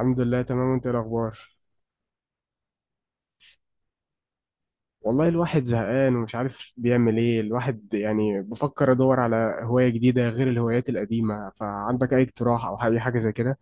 الحمد لله، تمام. وانت ايه الاخبار؟ والله الواحد زهقان ومش عارف بيعمل ايه الواحد، يعني بفكر ادور على هواية جديدة غير الهوايات القديمة، فعندك اي اقتراح او اي حاجة زي كده؟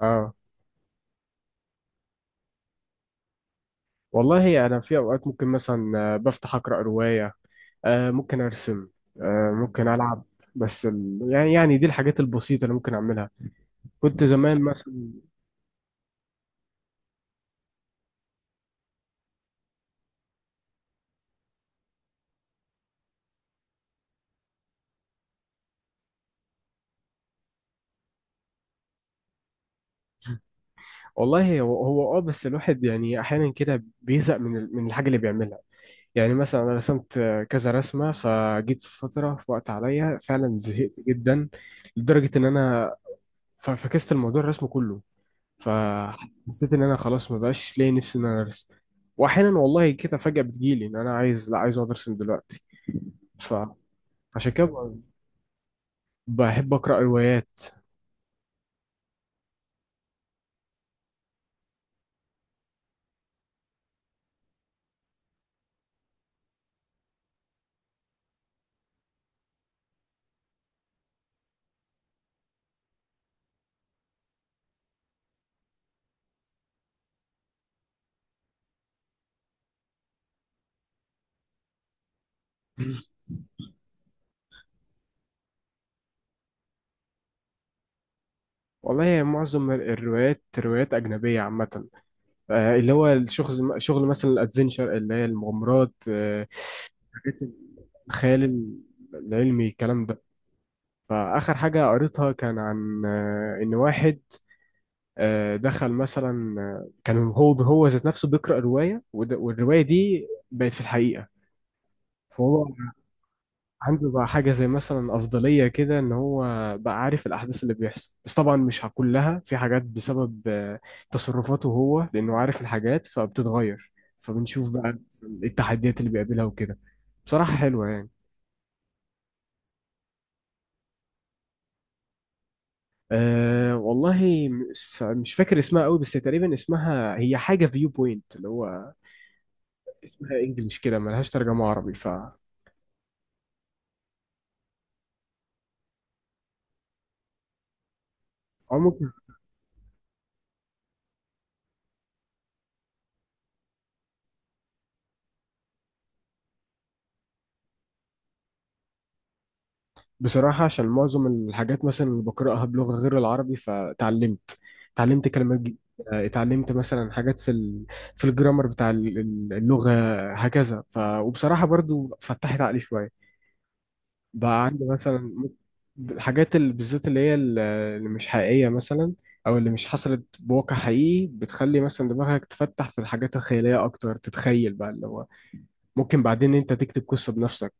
اه والله انا في اوقات ممكن مثلا بفتح اقرا رواية. ممكن ارسم. ممكن العب. بس يعني دي الحاجات البسيطة اللي ممكن اعملها. كنت زمان مثلا. والله هو بس الواحد، يعني احيانا كده بيزهق من الحاجة اللي بيعملها. يعني مثلا أنا رسمت كذا رسمة، فجيت في فترة في وقت عليا فعلا زهقت جدا، لدرجة إن أنا فكست الموضوع الرسم كله. فحسيت إن أنا خلاص ما بقاش لاقي نفسي إن أنا أرسم. وأحيانا والله كده فجأة بتجيلي إن أنا عايز لا عايز أقعد أرسم دلوقتي. فعشان كده بحب أقرأ روايات. والله معظم الروايات روايات أجنبية عامة. اللي هو شغل مثلا الأدفنشر اللي هي المغامرات. الحاجات، الخيال العلمي، الكلام ده. فآخر حاجة قريتها كان عن إن واحد دخل مثلا، كان هو هو ذات نفسه بيقرأ رواية، والرواية دي بقت في الحقيقة. فهو عنده بقى حاجة زي مثلا أفضلية كده، إن هو بقى عارف الأحداث اللي بيحصل، بس طبعا مش كلها، في حاجات بسبب تصرفاته هو، لأنه عارف الحاجات فبتتغير. فبنشوف بقى التحديات اللي بيقابلها وكده. بصراحة حلوة يعني. أه والله مش فاكر اسمها قوي، بس تقريبا اسمها هي حاجة فيو بوينت اللي هو اسمها انجلش كده، ملهاش ترجمة عربي. ف أو ممكن. بصراحة عشان معظم الحاجات مثلا اللي بقرأها بلغة غير العربي، فتعلمت. اتعلمت كلمات جديدة. اتعلمت مثلا حاجات في الجرامر بتاع اللغة، هكذا. وبصراحة برضو فتحت عقلي شوية. بقى عندي مثلا الحاجات اللي بالذات اللي هي اللي مش حقيقية مثلا، أو اللي مش حصلت بواقع حقيقي، بتخلي مثلا دماغك تفتح في الحاجات الخيالية أكتر، تتخيل بقى اللي هو ممكن بعدين أنت تكتب قصة بنفسك.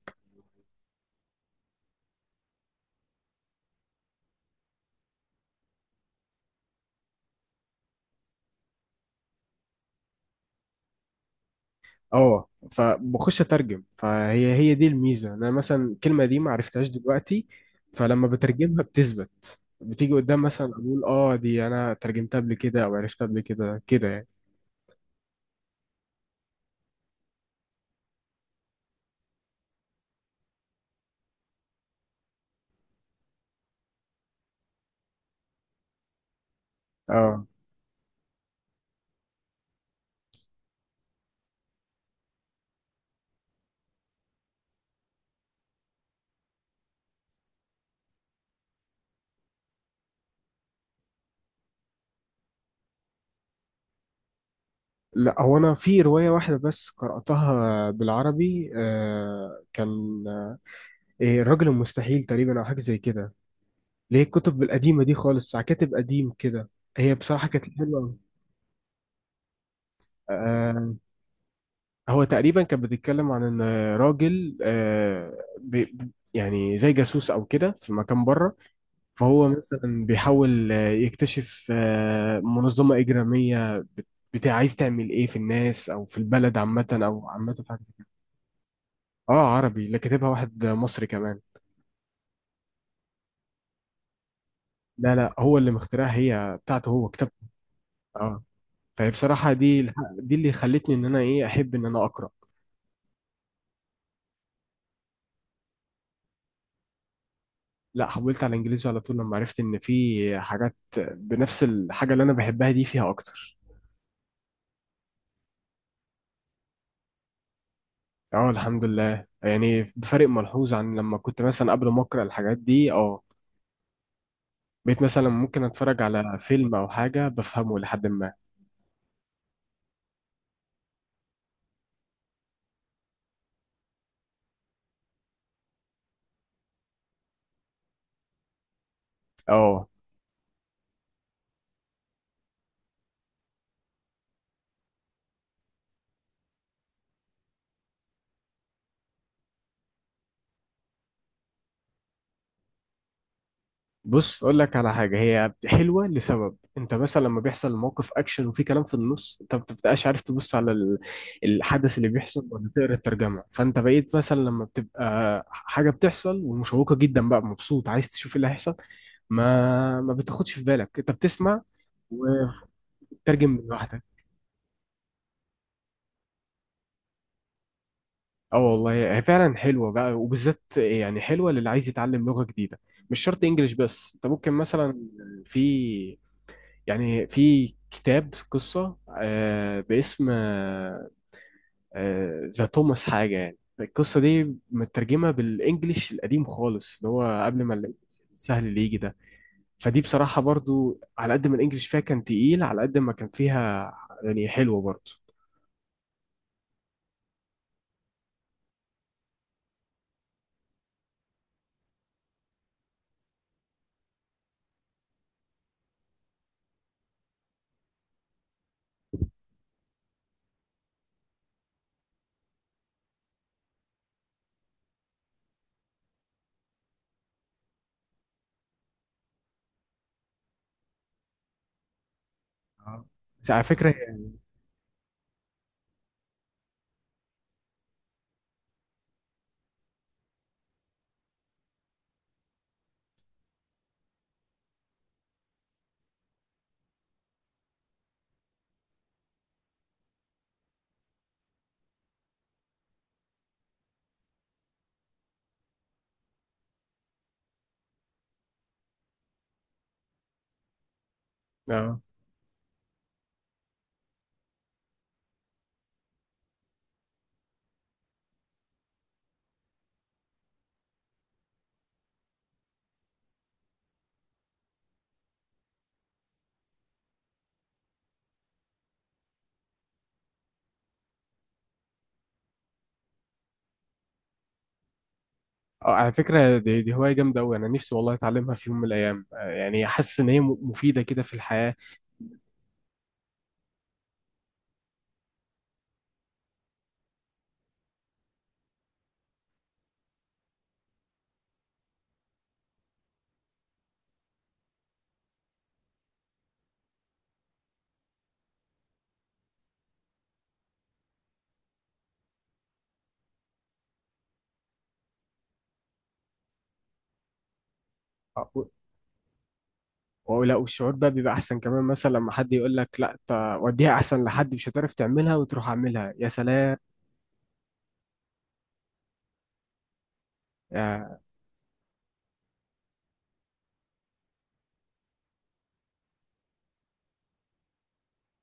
أه، فبخش أترجم، فهي دي الميزة. أنا مثلا الكلمة دي ما عرفتهاش دلوقتي، فلما بترجمها بتثبت، بتيجي قدام مثلا أقول أه دي أنا ترجمتها قبل كده أو عرفتها قبل كده، كده يعني. أه، لا، هو انا في روايه واحده بس قراتها بالعربي، كان إيه، الرجل المستحيل تقريبا، او حاجه زي كده، اللي هي الكتب القديمه دي خالص، بتاع كاتب قديم كده. هي بصراحه كانت حلوه أوي. آه. هو تقريبا كان بيتكلم عن ان راجل بي يعني زي جاسوس او كده في مكان بره. فهو مثلا بيحاول يكتشف منظمه اجراميه بتاع عايز تعمل ايه في الناس او في البلد عامه او عامه في حاجه. اه، عربي، اللي كاتبها واحد مصري كمان. لا، لا، هو اللي مخترعها، هي بتاعته هو، كتاب. اه، فهي بصراحة دي دي اللي خلتني ان انا ايه احب ان انا اقرا. لا، حولت على انجليزي على طول لما عرفت ان في حاجات بنفس الحاجة اللي انا بحبها دي فيها اكتر. اه، الحمد لله، يعني بفرق ملحوظ عن لما كنت مثلا قبل ما اقرا الحاجات دي. اه، بقيت مثلا ممكن اتفرج على فيلم او حاجة بفهمه لحد ما. اه، بص اقول لك على حاجه هي حلوه لسبب. انت مثلا لما بيحصل موقف اكشن وفي كلام في النص، انت ما بتبقاش عارف تبص على الحدث اللي بيحصل، ولا تقرا الترجمه. فانت بقيت مثلا لما بتبقى حاجه بتحصل ومشوقه جدا بقى، مبسوط عايز تشوف إيه اللي هيحصل، ما بتاخدش في بالك، انت بتسمع وتترجم من لوحدك. اه، والله هي فعلا حلوه بقى، وبالذات يعني حلوه للي عايز يتعلم لغه جديده. مش شرط انجليش، بس انت ممكن مثلا في يعني في كتاب قصة باسم ذا توماس حاجة، يعني القصة دي مترجمة بالإنجليش القديم خالص، اللي هو قبل ما السهل اللي يجي ده. فدي بصراحة برضو على قد ما الإنجليش فيها كان تقيل، على قد ما كان فيها يعني حلوة برضو. اه، بس على فكرة. اه، على فكرة دي هواية جامدة أوي، أنا نفسي والله أتعلمها في يوم من الأيام. يعني حاسس إن هي مفيدة كده في الحياة. آه، ولا والشعور بقى بيبقى احسن كمان، مثلا لما حد يقول لك لا وديها احسن لحد مش هتعرف تعملها، وتروح اعملها، يا سلام. يا-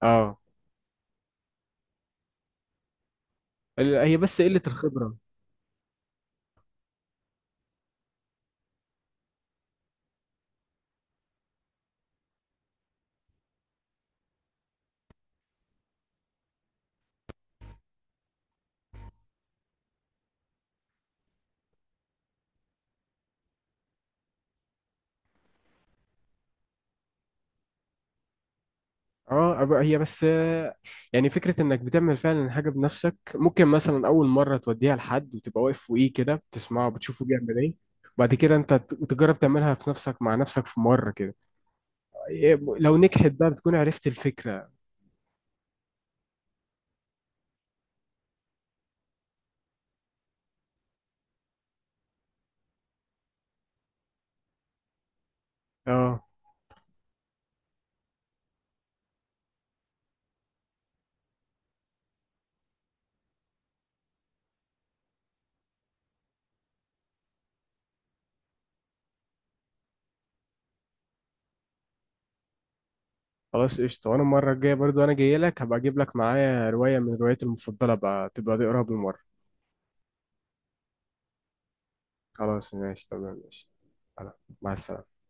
اه، هي بس قلة الخبرة. اه، هي بس يعني فكرة انك بتعمل فعلا حاجة بنفسك. ممكن مثلا اول مرة توديها لحد وتبقى واقف فوقيه كده بتسمعه بتشوفه بيعمل ايه، وبعد كده انت تجرب تعملها في نفسك، مع نفسك في مرة كده. إيه، لو نجحت بقى بتكون عرفت الفكرة. اه، خلاص قشطة. وأنا المرة الجاية برضو أنا جاي لك، هبقى أجيب لك معايا رواية من رواياتي المفضلة بقى، تبقى تقراها بالمرة. خلاص ماشي، تمام، ماشي. أنا مع السلامة.